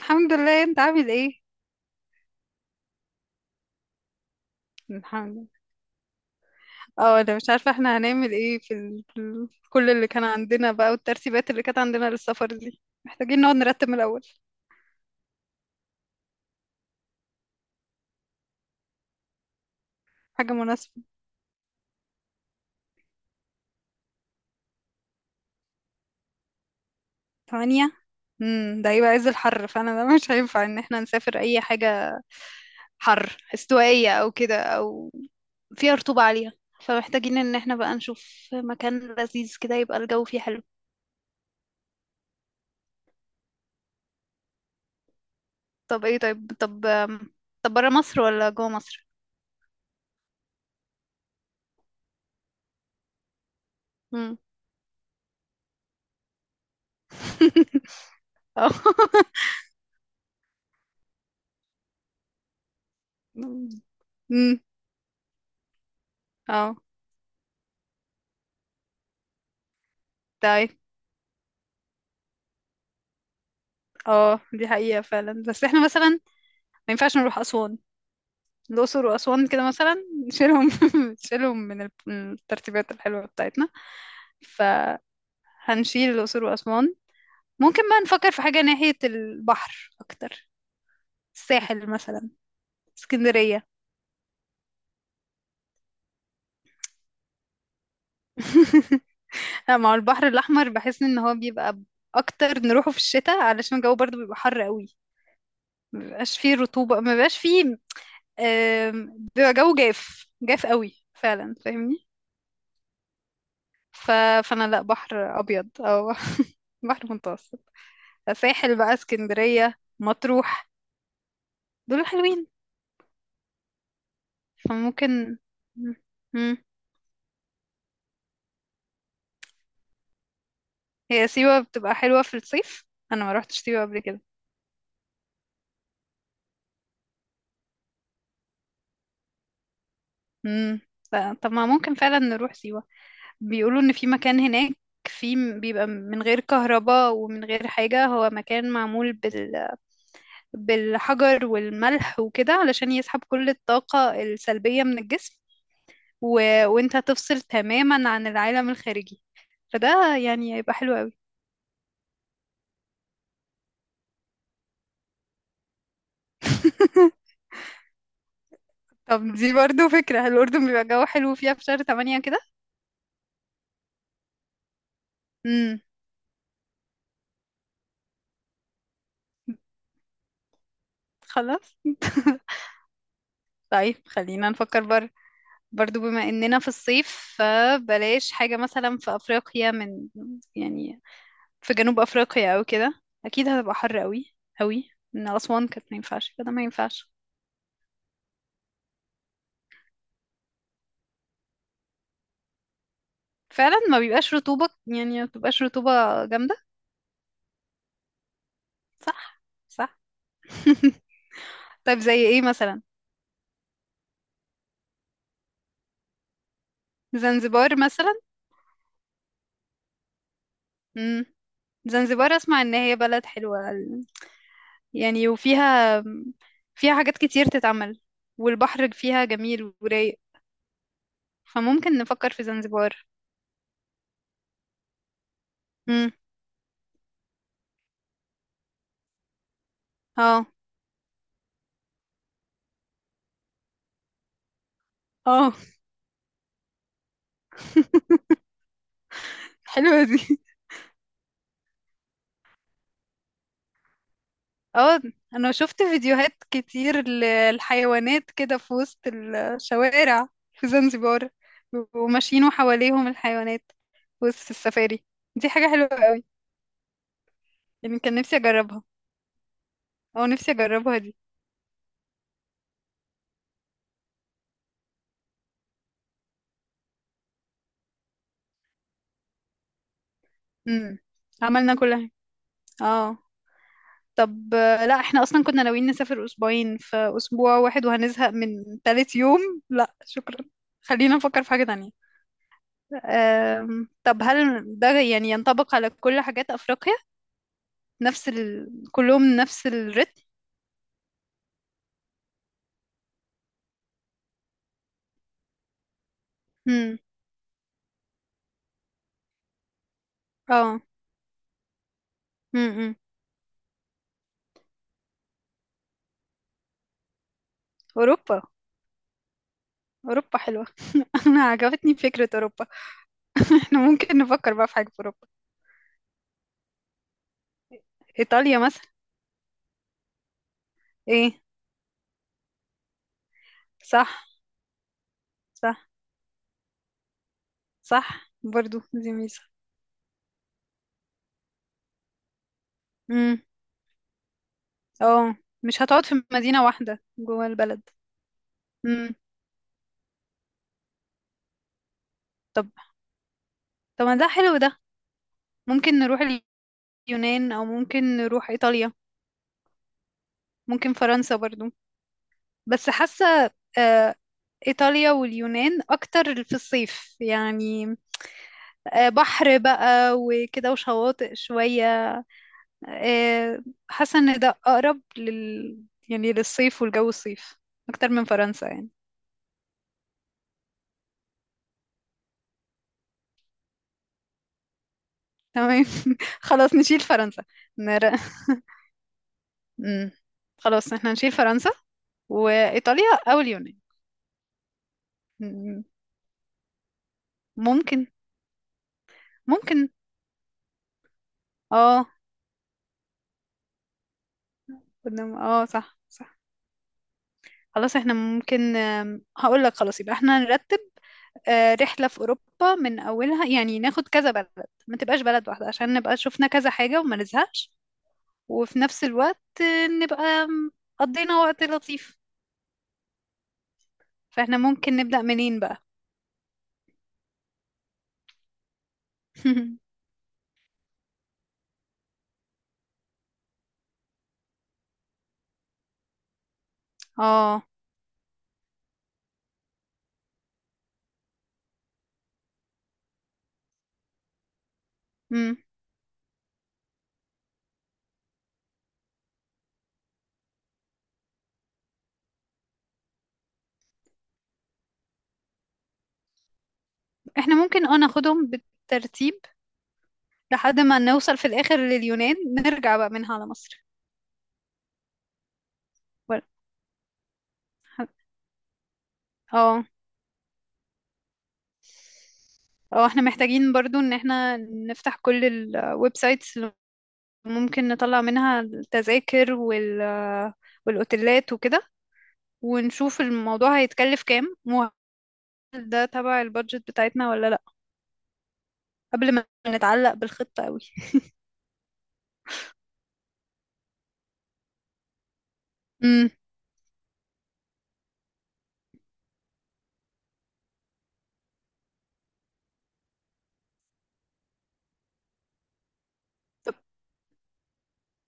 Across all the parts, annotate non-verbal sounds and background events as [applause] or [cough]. الحمد لله، انت عامل ايه؟ الحمد لله. اه انا مش عارفه احنا هنعمل ايه كل اللي كان عندنا بقى، والترتيبات اللي كانت عندنا للسفر دي محتاجين نقعد نرتب من الاول. حاجه مناسبه. ثمانية. ده هيبقى عز الحر، فانا ده مش هينفع ان احنا نسافر اي حاجه. حر استوائيه او كده، او فيها رطوبه عاليه. فمحتاجين ان احنا بقى نشوف مكان لذيذ كده، يبقى الجو فيه حلو. طب ايه؟ طيب، طب بره مصر ولا جوه مصر؟ امم. [laughs] اه. [laughs] امم. اه. طيب. اه، دي حقيقة فعلا، بس احنا مثلا ما ينفعش نروح أسوان. الأقصر وأسوان كده مثلا، نشيلهم [laughs] نشيلهم من الترتيبات الحلوة بتاعتنا، فهنشيل الأقصر وأسوان. ممكن بقى نفكر في حاجة ناحية البحر أكتر، الساحل مثلا، اسكندرية. [laughs] لا، مع البحر الأحمر بحس إن هو بيبقى أكتر نروحه في الشتاء، علشان الجو برضه بيبقى حر قوي، مبيبقاش فيه رطوبة، مبيبقاش فيه، بيبقى جو جاف جاف قوي فعلا، فاهمني؟ ف... فانا، لا بحر ابيض او [laughs] بحر متوسط. ساحل بقى اسكندرية مطروح، دول حلوين، فممكن. مم. مم. هي سيوة بتبقى حلوة في الصيف، انا ما روحتش سيوة قبل كده. مم. لا، طب ما ممكن فعلا نروح سيوة. بيقولوا ان في مكان هناك، في بيبقى من غير كهرباء ومن غير حاجة. هو مكان معمول بالحجر والملح وكده، علشان يسحب كل الطاقة السلبية من الجسم، و... وانت تفصل تماما عن العالم الخارجي، فده يعني هيبقى حلو قوي. [laughs] طب دي برضو فكرة، الأردن بيبقى جو حلو فيها في شهر تمانية كده. امم. خلاص. [laughs] طيب خلينا نفكر بره. برضو بما اننا في الصيف، فبلاش حاجة مثلا في افريقيا، يعني في جنوب افريقيا او كده اكيد هتبقى حر قوي قوي من اسوان، كانت ما ينفعش كده، ما ينفعش. فعلا ما بيبقاش رطوبة، يعني ما بتبقاش رطوبة جامدة. صح، صح. [laughs] طيب، زي ايه مثلا؟ زنزبار مثلا. امم. زنزبار، اسمع ان هي بلد حلوة يعني، وفيها حاجات كتير تتعمل، والبحر فيها جميل ورايق، فممكن نفكر في زنزبار. امم. اه. اه. [laughs] حلوة دي. اه، انا شفت فيديوهات كتير للحيوانات كده في وسط الشوارع في زنزبار، بيبقوا ماشيين وحواليهم الحيوانات في وسط السفاري، دي حاجة حلوة قوي. يعني كان نفسي اجربها، او نفسي اجربها دي. امم. عملنا كل حاجة. اه. طب، لا احنا اصلا كنا ناويين نسافر اسبوعين، في اسبوع واحد وهنزهق من تالت يوم، لا شكرا. خلينا نفكر في حاجة تانية. طب، هل ده يعني ينطبق على كل حاجات أفريقيا؟ كلهم نفس الريتم. امم. اه. امم. اوروبا. اوروبا حلوه. [laughs] انا عجبتني فكره اوروبا. [laughs] احنا ممكن نفكر بقى في حاجه في اوروبا. ايطاليا مثلا. ايه، صح، صح. صح برضو دي ميزه. امم. اه. مش هتقعد في مدينه واحده جوه البلد. امم. طب طب ما ده حلو ده. ممكن نروح اليونان او ممكن نروح ايطاليا، ممكن فرنسا برضو، بس حاسه آه، إيطاليا واليونان أكتر في الصيف يعني، بحر بقى وكده وشواطئ شوية. آه، حاسة إن ده أقرب يعني للصيف والجو الصيف، أكتر من فرنسا يعني. تمام. [laughs] خلاص نشيل فرنسا. نرى. [laughs] مم. خلاص احنا نشيل فرنسا، وإيطاليا أو اليونان. مم. ممكن. ممكن، اه، اه، صح، صح. خلاص احنا ممكن، هقول لك، خلاص يبقى احنا نرتب رحلة في أوروبا من أولها، يعني ناخد كذا بلد، ما تبقاش بلد واحدة، عشان نبقى شفنا كذا حاجة وما نزهقش، وفي نفس الوقت نبقى قضينا وقت لطيف. فاحنا ممكن نبدأ منين بقى؟ [laughs] اه. مم. احنا ممكن، ناخدهم بالترتيب لحد ما نوصل في الآخر لليونان، نرجع بقى منها على مصر. ولا- اه. اه، احنا محتاجين برضو ان احنا نفتح كل الويب سايتس اللي ممكن نطلع منها التذاكر والاوتيلات وكده، ونشوف الموضوع هيتكلف كام، وهل ده تبع البادجت بتاعتنا ولا لا، قبل ما نتعلق بالخطة قوي. امم. طب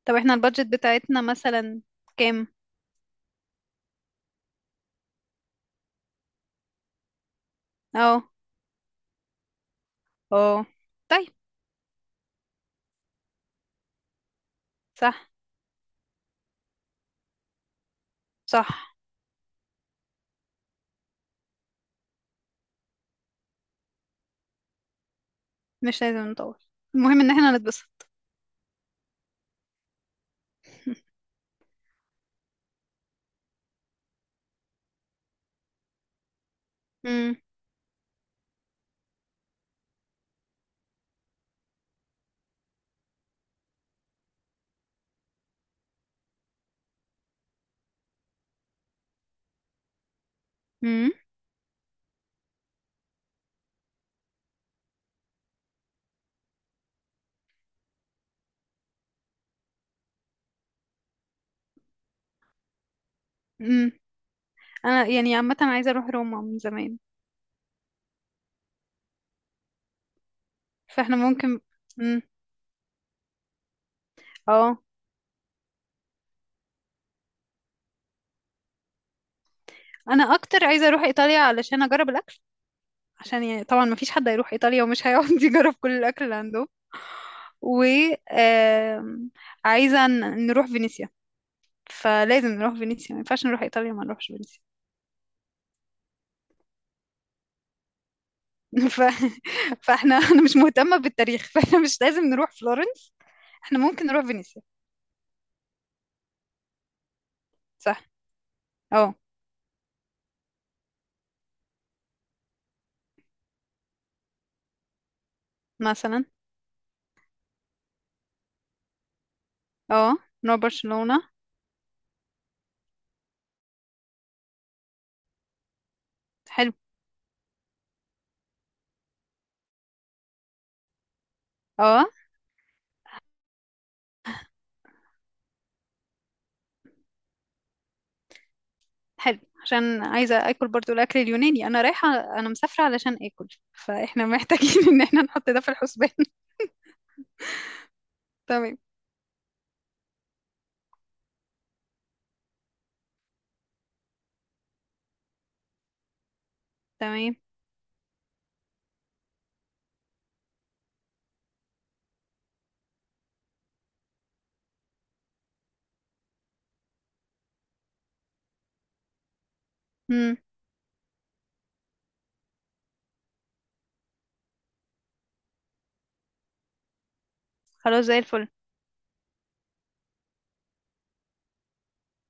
طب احنا البادجت بتاعتنا مثلا كام؟ اه. اه. طيب، صح، صح. مش لازم نطول، المهم ان احنا نتبسط. [laughs] امم. امم. امم. انا يعني عامة عايزة اروح روما من زمان. فاحنا ممكن. امم. اه. انا اكتر عايزة اروح ايطاليا علشان اجرب الاكل، عشان يعني طبعا مفيش حد هيروح ايطاليا ومش هيقعد [laughs] يجرب كل الاكل اللي عندهم، وعايزة نروح فينيسيا، فلازم نروح فينيسيا، ما ينفعش نروح إيطاليا ما نروحش فينيسيا. [laughs] ف... أنا مش مهتمة بالتاريخ، [laughs] فاحنا مش لازم نروح فلورنس. احنا ممكن نروح فينيسيا. صح. اه، مثلا. اه، نروح برشلونة. حلو اه حلو عشان عايزة اكل برضو، الاكل اليوناني انا رايحة، انا مسافرة علشان اكل، فاحنا محتاجين [laughs] ان احنا نحط ده في الحسبان. [laughs] تمام، تمام. امم. خلاص زي الفل.